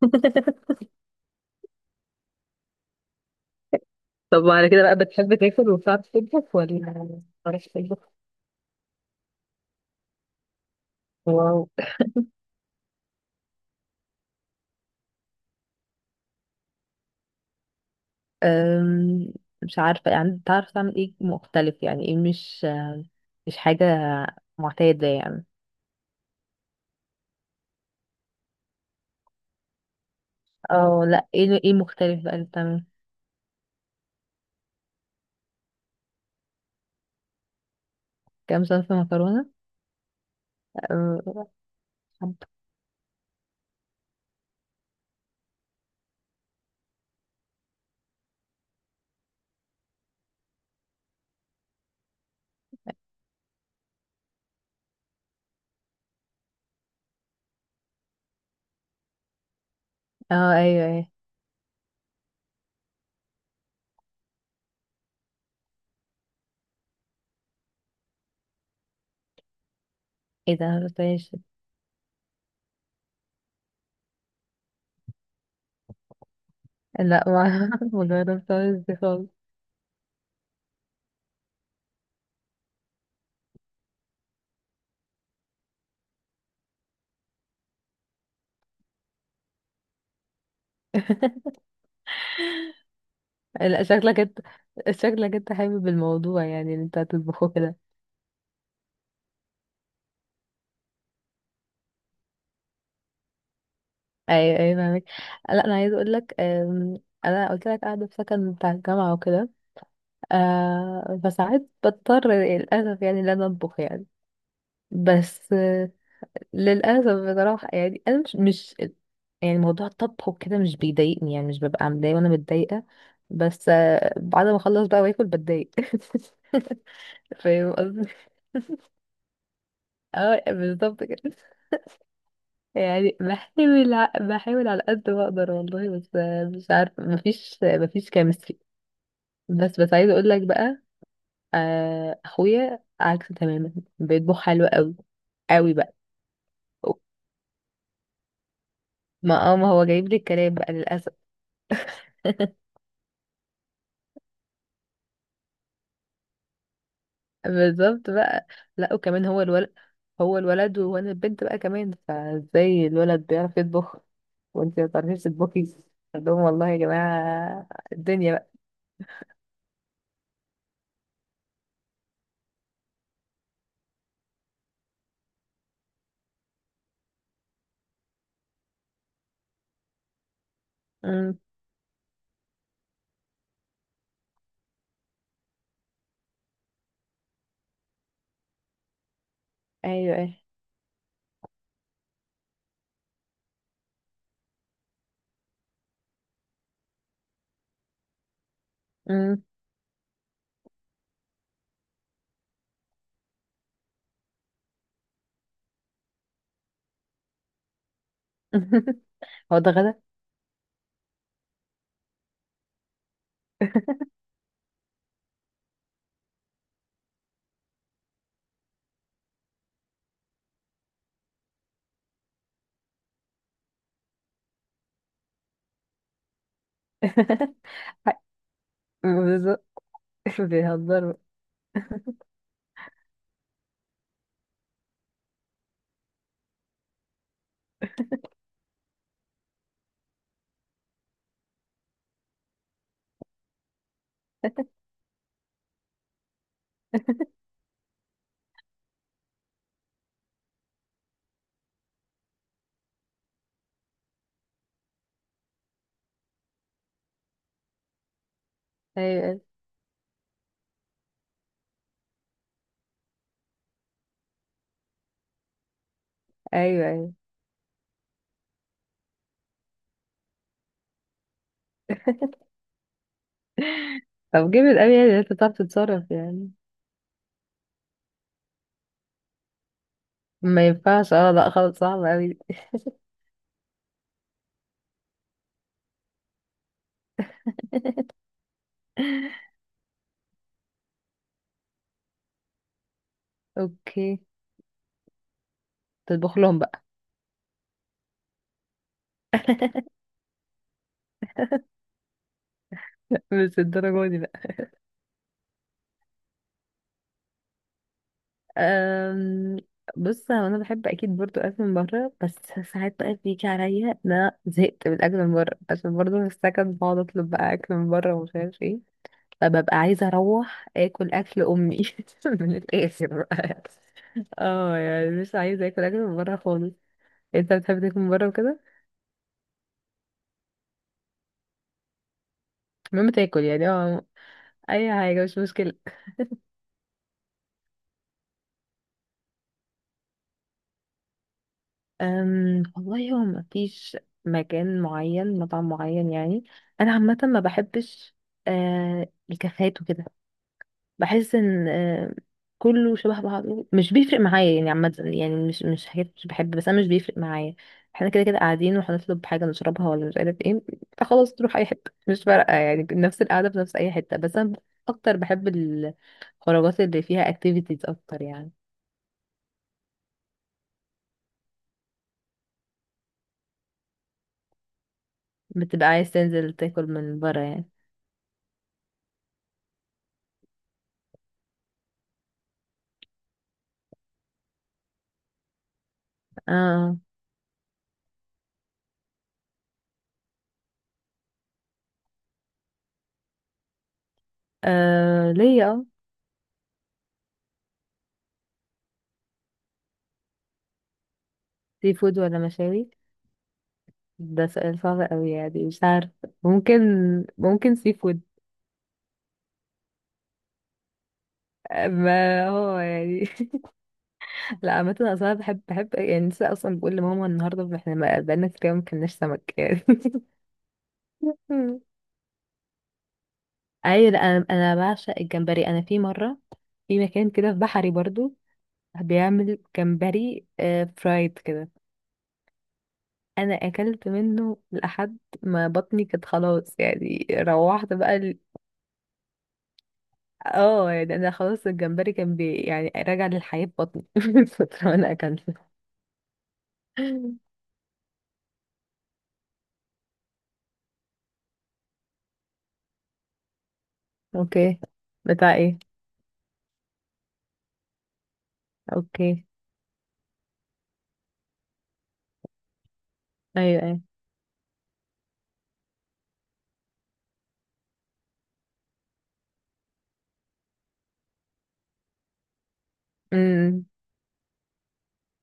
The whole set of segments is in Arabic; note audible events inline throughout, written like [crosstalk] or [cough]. [laughs] طب، وعلى كده بقى بتحب تاكل وبتعرف تطبخ ولا ما بتعرفش تطبخ؟ واو. أم، مش عارفة، يعني تعرف تعمل ايه مختلف؟ يعني ايه؟ مش حاجة معتادة يعني. اه لا، ايه مختلف بقى اللي بتعمل؟ كام صنف مكرونة؟ اه. آه، ايوه ايوه. ايه ده، مجربتهاش؟ لا، ما [laughs] مجربتهاش دي خالص. لا، شكلك انت حابب الموضوع، يعني اللي انت هتطبخه كده. ايوه ايوه فاهمك. لا انا عايزه اقول لك، انا قلت لك قاعده في سكن بتاع الجامعه وكده. أه، فساعات بضطر للاسف يعني ان انا اطبخ يعني. بس للاسف بصراحه، يعني انا مش، مش يعني موضوع الطبخ وكده مش بيضايقني، يعني مش ببقى متضايقه وانا متضايقه. بس بعد ما اخلص بقى واكل بتضايق. [laughs] فاهم قصدي؟ اه بالظبط كده. يعني بحاول بحاول على قد ما اقدر والله. بس مش عارفه، مفيش كيمستري. بس عايزه اقول لك بقى، آه، اخويا عكس تماما. بيطبخ حلو قوي. قوي بقى. ما هو جايب لي الكلام بقى للاسف. [laughs] بالظبط بقى. لا وكمان هو الولد. هو الولد وانا البنت بقى كمان، فازاي الولد بيعرف يطبخ وانت ما بتعرفيش تطبخي؟ قلت لهم والله يا جماعه الدنيا بقى. امم. ايوه ايه. امم. [laughs] هو ده غدا؟ [laughs] بالظبط. بيهزروا. ايوه ايوه. ايوه أيوة. طب جامد قوي، يعني انت بتعرف تتصرف يعني. ما ينفعش، لا خلاص صعب قوي. [laughs] اوكي، تطبخ لهم بقى. [laughs] مش الدرجة دي بقى. أم... بص، هو انا بحب اكيد برضو اكل من بره، بس ساعات بقى بيجي عليا ان انا زهقت من الاكل من بره عشان برضو في السكن بقعد اطلب بقى اكل من بره ومش عارف ايه. فببقى عايزه اروح اكل اكل امي. [laughs] من الاخر بقى. اه يعني مش عايزه اكل اكل من بره خالص. انت بتحب تاكل من بره وكده؟ المهم تاكل يعني اي حاجه مش مشكله. والله، هو ما فيش مكان معين، مطعم معين يعني. انا عامه ما بحبش الكافيهات وكده. بحس ان كله شبه بعضه، مش بيفرق معايا يعني. عامه يعني، مش، حاجات مش بحب، بس انا مش بيفرق معايا. احنا كده كده قاعدين وهنطلب حاجه نشربها ولا مش عارف ايه. فخلاص تروح اي حته مش فارقه، يعني نفس القعده في نفس اي حته. بس انا اكتر بحب الخروجات اللي فيها اكتيفيتيز اكتر يعني. بتبقى عايز تنزل تاكل من بره يعني؟ اه. آه، ليا سي فود ولا مشاوي؟ ده سؤال صعب قوي يعني، مش عارف. ممكن، ممكن سي فود. آه، ما هو يعني. [laughs] لا، عامة أنا أصلا بحب، يعني لسه أصلا بقول لماما النهاردة احنا بقالنا كتير أوي ما كلناش سمك يعني. [laughs] أيوة، لا أنا، بعشق الجمبري. أنا في مرة، في مكان كده في بحري برضو، بيعمل جمبري فرايد كده. انا اكلت منه لحد ما بطني كانت خلاص يعني، روحت بقى. اه يعني انا خلاص الجمبري كان بي، يعني راجع للحياة في بطني [laughs] من فترة وانا اكلته. اوكي. بتاع ايه؟ اوكي. ايوه ايوه. امم.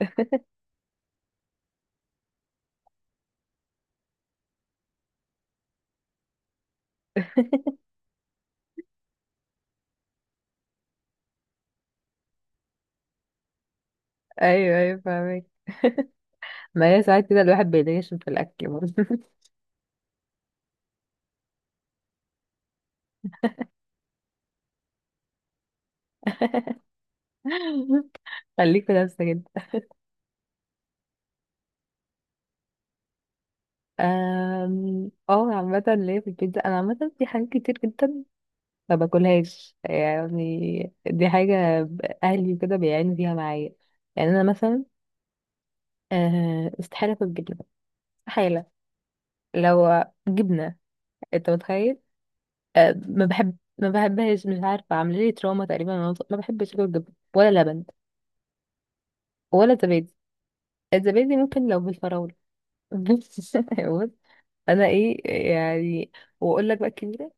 [laughs] ايوه ايوه فاهمك. ما هي ساعات كده الواحد بيتغشم في الاكل برضه. [laughs] خليك في نفسك انت. أم، اه عامة ليا في البيتزا، انا عامة في حاجات كتير جدا ما باكلهاش يعني، دي حاجة اهلي كده بيعانوا فيها معايا. يعني انا مثلا، استحالة اكل جبنة. استحالة. لو جبنة، انت متخيل؟ أه ما بحب ما بحبهاش، مش عارفة، عاملة لي تروما تقريبا وأنا صغيرة. ما بحبش اكل جبنة، ولا لبن، ولا زبادي. الزبادي ممكن لو بالفراولة. [laughs] بس بص، انا ايه، يعني، واقول لك بقى كبيرة،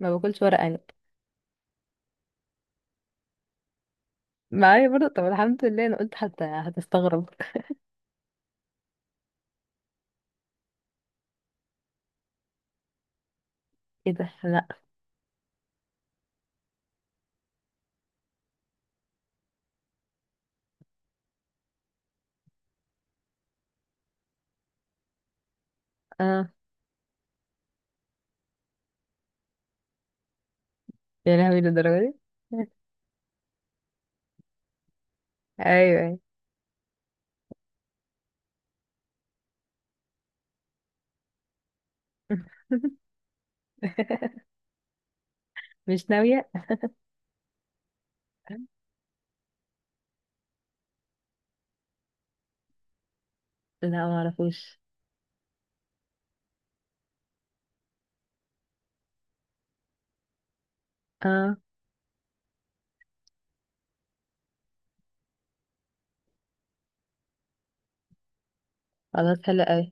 ما باكلش ورق عنب. معايا برضه؟ طب الحمد لله، انا قلت حتى هتستغرب. ايه ده؟ لا. اه يا لهوي للدرجة دي. [laughs] ايوه أيوة. [laughs] مش ناوية. لا ما اعرفوش. اه خلاص، حلو قوي.